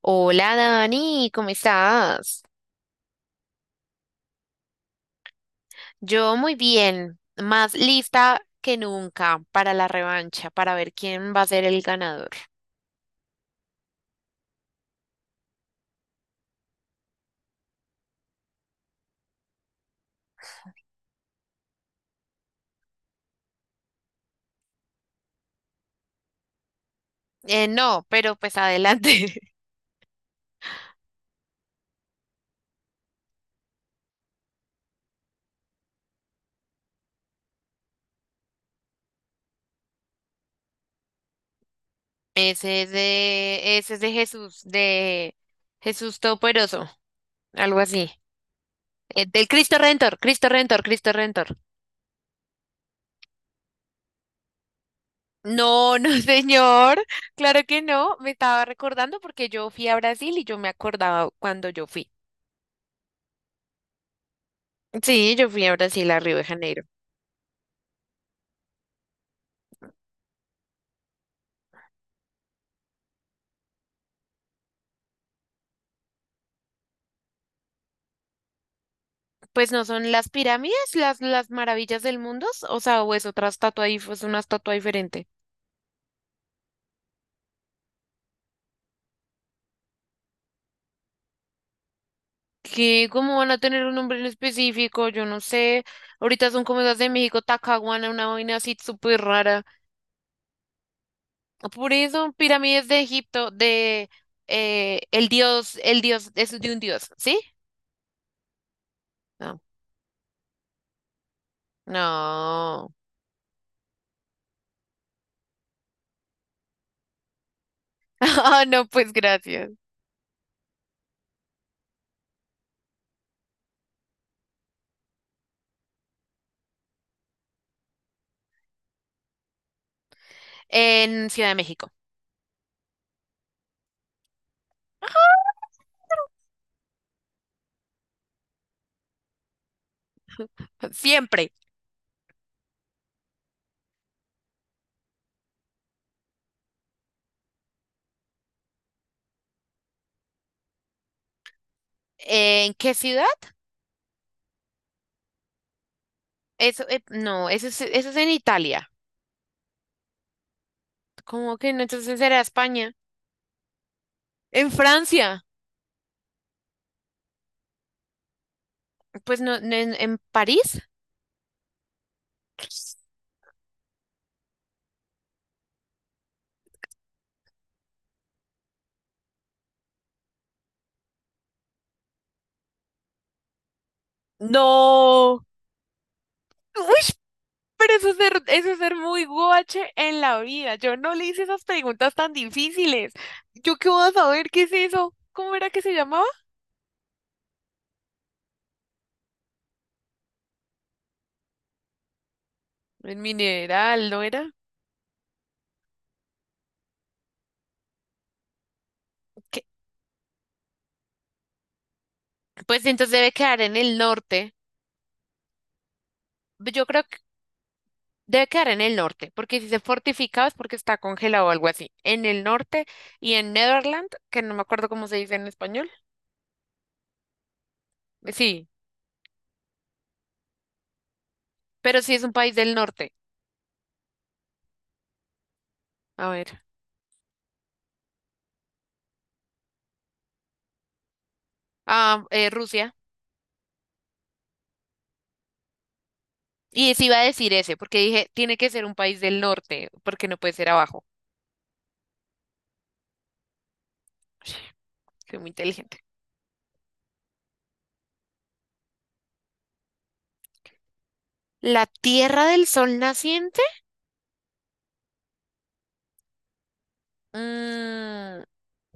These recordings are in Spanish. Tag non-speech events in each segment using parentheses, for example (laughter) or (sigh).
Hola Dani, ¿cómo estás? Yo muy bien, más lista que nunca para la revancha, para ver quién va a ser el ganador. No, pero pues adelante. (laughs) Ese es de Jesús Todopoderoso, algo así. Del Cristo Redentor, Cristo Redentor, Cristo Redentor. No, no, (laughs) señor, claro que no. Me estaba recordando porque yo fui a Brasil y yo me acordaba cuando yo fui. Sí, yo fui a Brasil, a Río de Janeiro. Pues no son las pirámides, las maravillas del mundo, o sea, o es otra estatua ahí, es una estatua diferente. Que como van a tener un nombre en específico? Yo no sé. Ahorita son como esas de México, Tacahuana, una vaina así súper rara. Por eso, pirámides de Egipto, de el dios, es de un dios, ¿sí? No. No. (laughs) Ah, no, pues gracias. En Ciudad de México. Siempre. ¿En qué ciudad? Eso es en Italia. ¿Cómo que no? Entonces era España. En Francia. Pues no, no, en París. No. Uy, eso es ser muy guache en la vida. Yo no le hice esas preguntas tan difíciles. ¿Yo qué voy a saber qué es eso? ¿Cómo era que se llamaba? El mineral, ¿no era? ¿Qué? Pues entonces debe quedar en el norte. Yo creo que debe quedar en el norte, porque si se fortificaba es porque está congelado o algo así. En el norte y en Netherland, que no me acuerdo cómo se dice en español. Sí. Pero sí es un país del norte. A ver. Rusia. Y sí iba a decir ese, porque dije, tiene que ser un país del norte, porque no puede ser abajo. (sighs) Soy muy inteligente. ¿La Tierra del Sol naciente? Mm,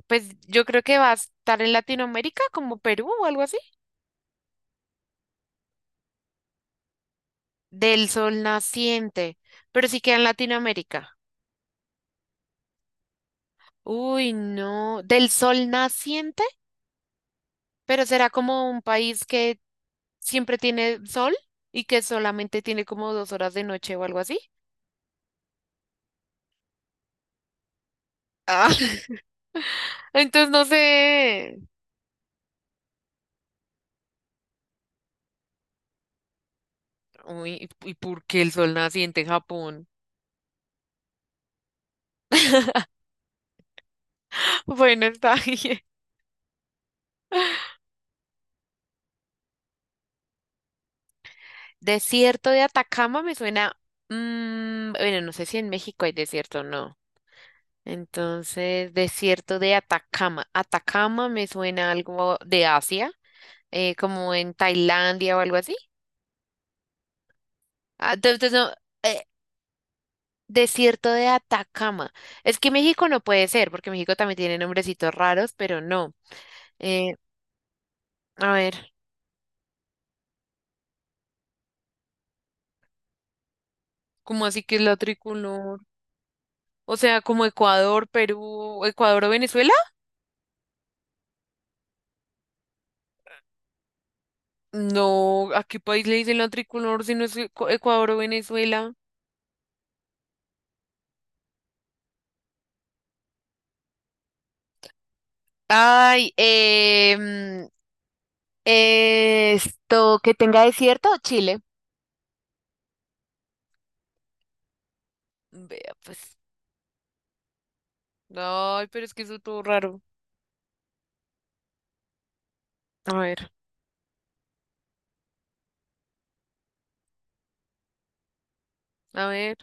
pues yo creo que va a estar en Latinoamérica, como Perú o algo así. Del Sol naciente. Pero sí queda en Latinoamérica. Uy, no. ¿Del Sol naciente? Pero será como un país que siempre tiene sol y que solamente tiene como dos horas de noche o algo así. Ah, (laughs) entonces no sé. Uy, ¿y por qué el sol naciente en Japón? (laughs) Bueno, está bien. Desierto de Atacama me suena. Mm, bueno, no sé si en México hay desierto o no. Entonces, desierto de Atacama. Atacama me suena algo de Asia, como en Tailandia o algo así. Ah, entonces, no, eh, desierto de Atacama. Es que México no puede ser, porque México también tiene nombrecitos raros, pero no. Eh, a ver. ¿Cómo así que es la tricolor? O sea, como Ecuador, Perú, Ecuador o Venezuela. No, ¿a qué país le dicen la tricolor si no es Ecu- Ecuador o Venezuela? Ay, esto que tenga desierto, Chile. Vea, pues. Ay, pero es que eso todo raro. A ver, a ver.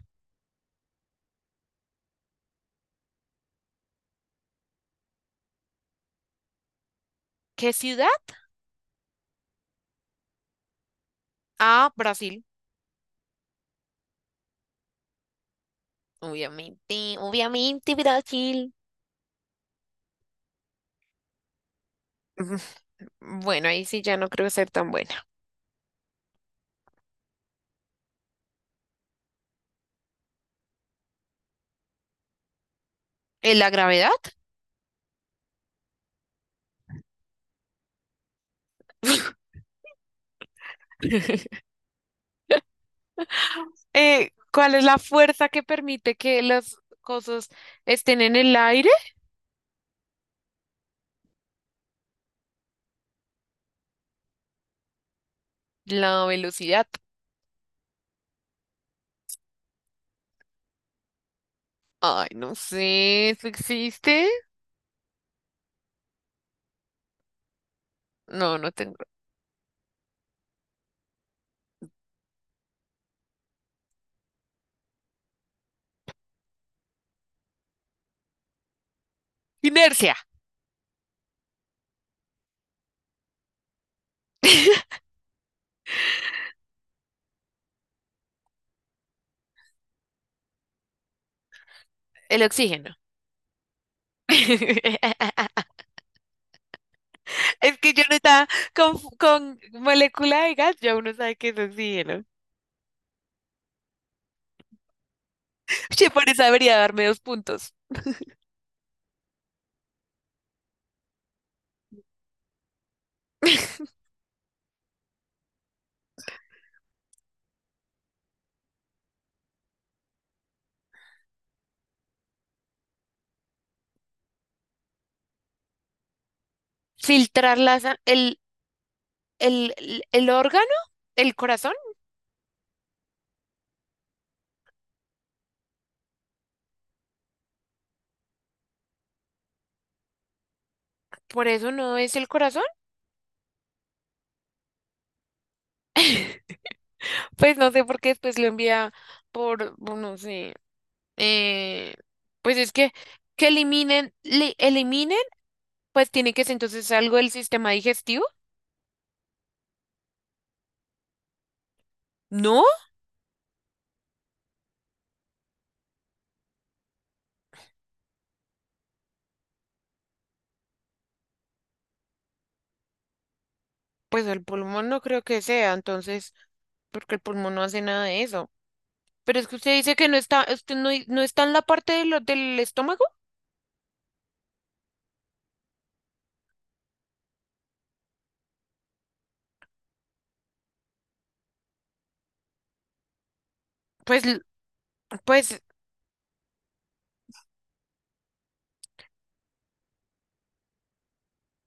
¿Qué ciudad? Ah, Brasil. Obviamente, obviamente, Brasil. (laughs) Bueno, ahí sí ya no creo ser tan buena. ¿La gravedad? (laughs) ¿Cuál es la fuerza que permite que las cosas estén en el aire? La velocidad. Ay, no sé, ¿eso existe? No, no tengo. Inercia. (laughs) El oxígeno. (laughs) Es que yo no estaba con molécula de gas, ya uno sabe que es oxígeno. Che, por eso debería darme dos puntos. (laughs) Filtrar la sa- el, el órgano, el corazón, por eso no es el corazón. Pues no sé por qué después lo envía por, no sé, eh, pues es que eliminen, pues tiene que ser entonces algo del sistema digestivo. No, pues el pulmón no creo que sea, entonces, porque el pulmón no hace nada de eso. Pero es que usted dice que no está, usted no, no está en la parte de del estómago. Pues, l- pues,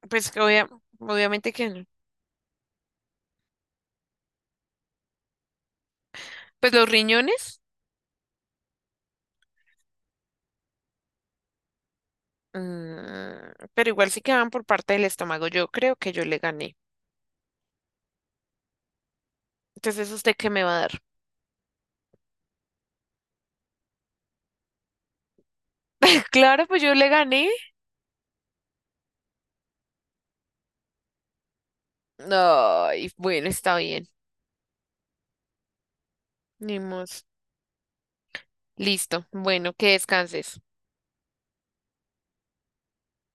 pues obviamente que no. Pues los riñones, mm, pero igual sí que van por parte del estómago. Yo creo que yo le gané. Entonces, ¿usted qué me va a dar? (laughs) Claro, pues yo le gané. Ay, bueno, está bien. Ni mos. Listo. Bueno, que descanses.